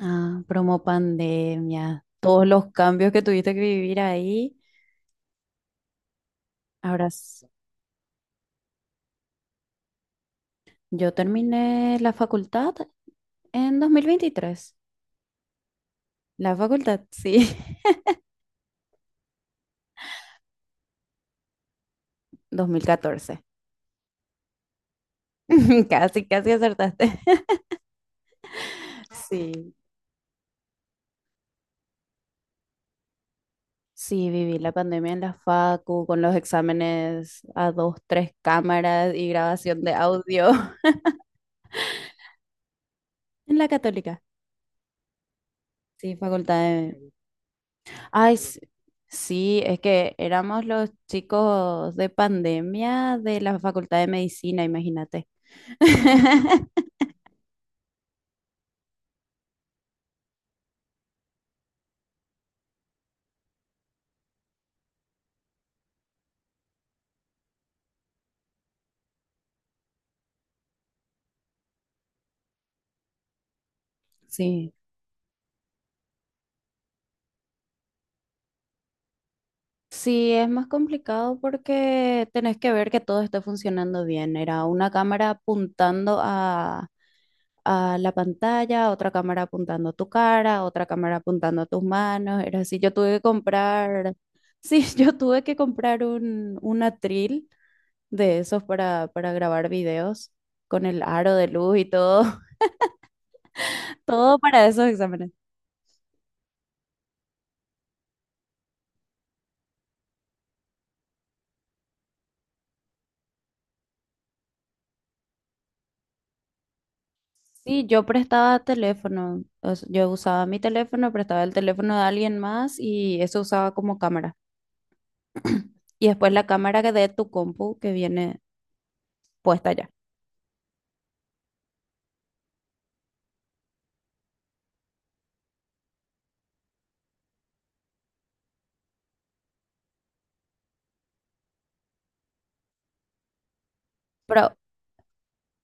Ah, promo pandemia, todos los cambios que tuviste que vivir ahí. Ahora, yo terminé la facultad en 2023. La facultad, sí. 2014. Casi, casi acertaste. Sí, sí, viví la pandemia en la facu con los exámenes a dos, tres cámaras y grabación de audio. En la Católica. Sí, facultad de, Ay, s- sí, es que éramos los chicos de pandemia de la Facultad de Medicina, imagínate. Sí. Sí, es más complicado porque tenés que ver que todo esté funcionando bien. Era una cámara apuntando a la pantalla, otra cámara apuntando a tu cara, otra cámara apuntando a tus manos. Era así, yo tuve que comprar, sí, yo tuve que comprar un atril de esos para grabar videos con el aro de luz y todo. Todo para esos exámenes. Sí, yo prestaba teléfono, o sea, yo usaba mi teléfono, prestaba el teléfono de alguien más y eso usaba como cámara. Y después la cámara que de tu compu que viene puesta ya. Pero,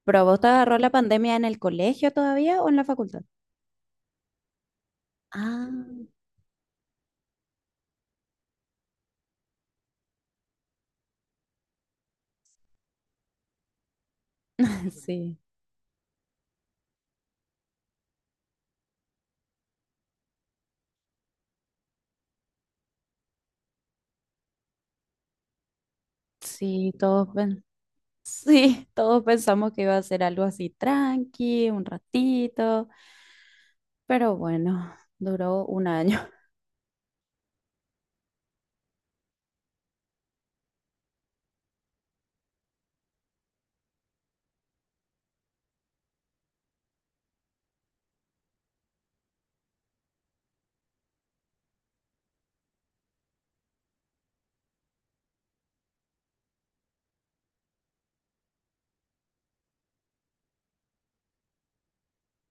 pero ¿vos te agarró la pandemia en el colegio todavía o en la facultad? Ah, sí, sí, sí, todos pensamos que iba a ser algo así tranqui, un ratito. Pero bueno, duró un año.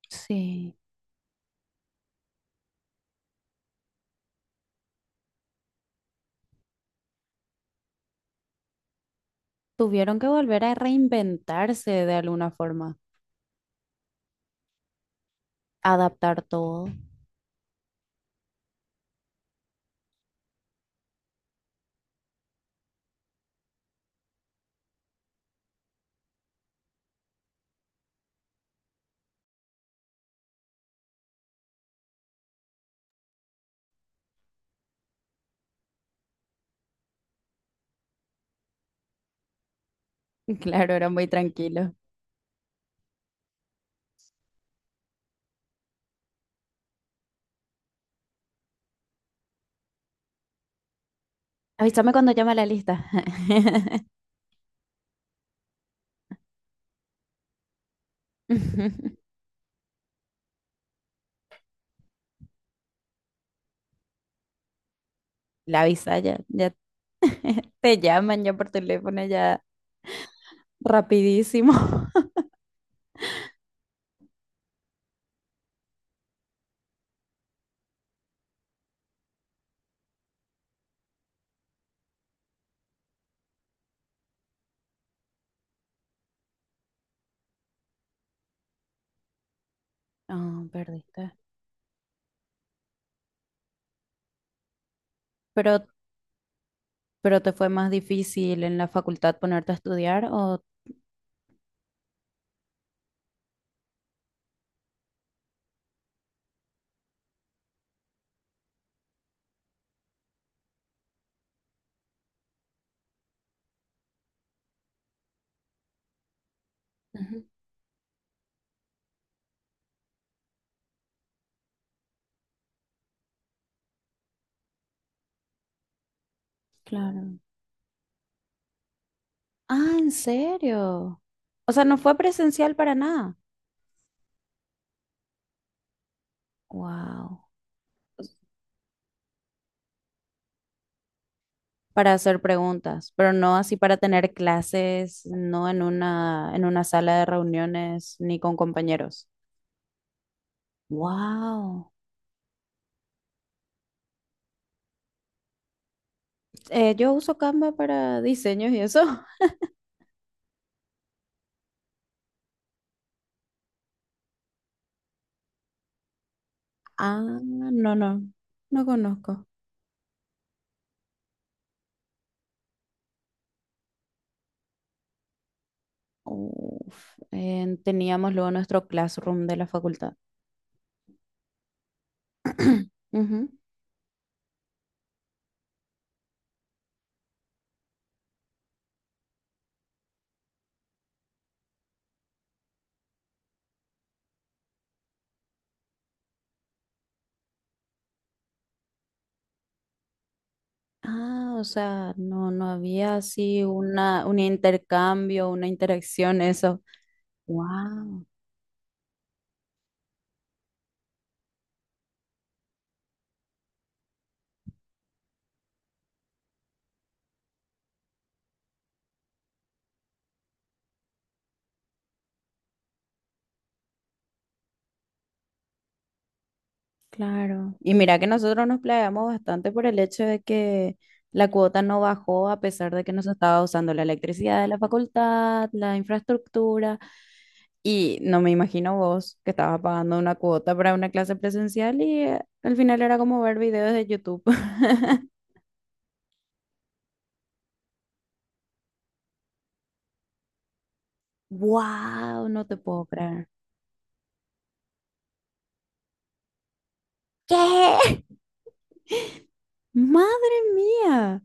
Sí, tuvieron que volver a reinventarse de alguna forma, adaptar todo. Y claro, era muy tranquilo. Avísame cuando llama la lista. La avisa ya, ya te llaman ya por teléfono, ya rapidísimo. Ah, perdiste. Pero, pero ¿te fue más difícil en la facultad ponerte a estudiar o...? Ujú. Claro. Ah, ¿en serio? O sea, no fue presencial para nada. Wow. Para hacer preguntas, pero no así para tener clases, no en una, en una sala de reuniones ni con compañeros. Wow. Yo uso Canva para diseños y eso. Ah, no, no, no conozco. Uf, teníamos luego nuestro classroom de la facultad. Ujú. Ah, o sea, no, no había así una, un intercambio, una interacción, eso. Wow. Claro. Y mira que nosotros nos playamos bastante por el hecho de que la cuota no bajó a pesar de que nos estaba usando la electricidad de la facultad, la infraestructura. Y no me imagino vos que estabas pagando una cuota para una clase presencial y al final era como ver videos de YouTube. ¡Wow! No te puedo creer. ¿Qué? ¡Madre mía!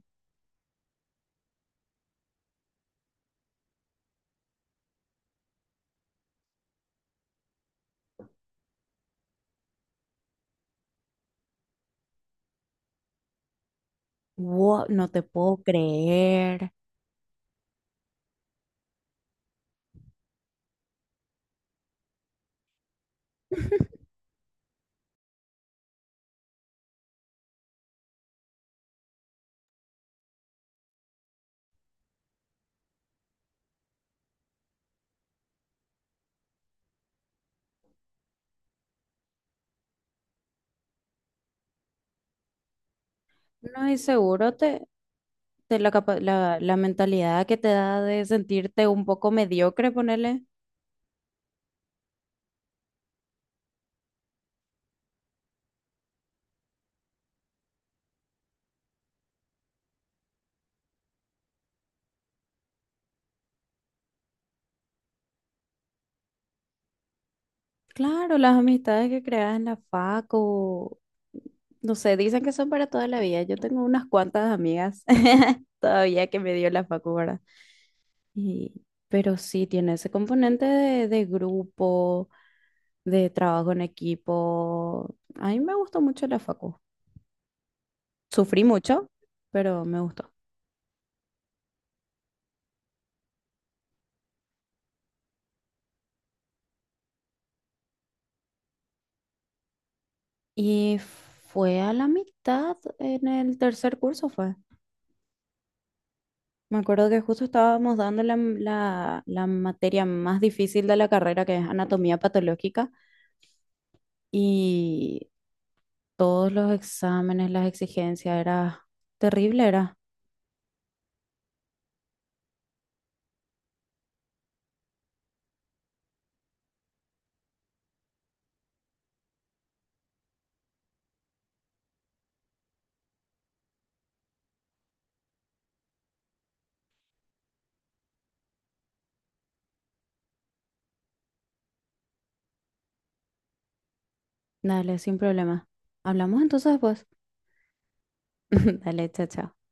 ¡Wow! No te puedo creer. No, y seguro te, la mentalidad que te da de sentirte un poco mediocre, ponerle. Claro, las amistades que creas en la facu, no sé, dicen que son para toda la vida. Yo tengo unas cuantas amigas todavía que me dio la facu, ¿verdad? Y, pero sí, tiene ese componente de grupo, de trabajo en equipo. A mí me gustó mucho la facu. Sufrí mucho, pero me gustó. Y fue a la mitad en el tercer curso, fue. Me acuerdo que justo estábamos dando la materia más difícil de la carrera, que es anatomía patológica, y todos los exámenes, las exigencias, era terrible, era. Dale, sin problema. Hablamos entonces después. Dale, chao, chao.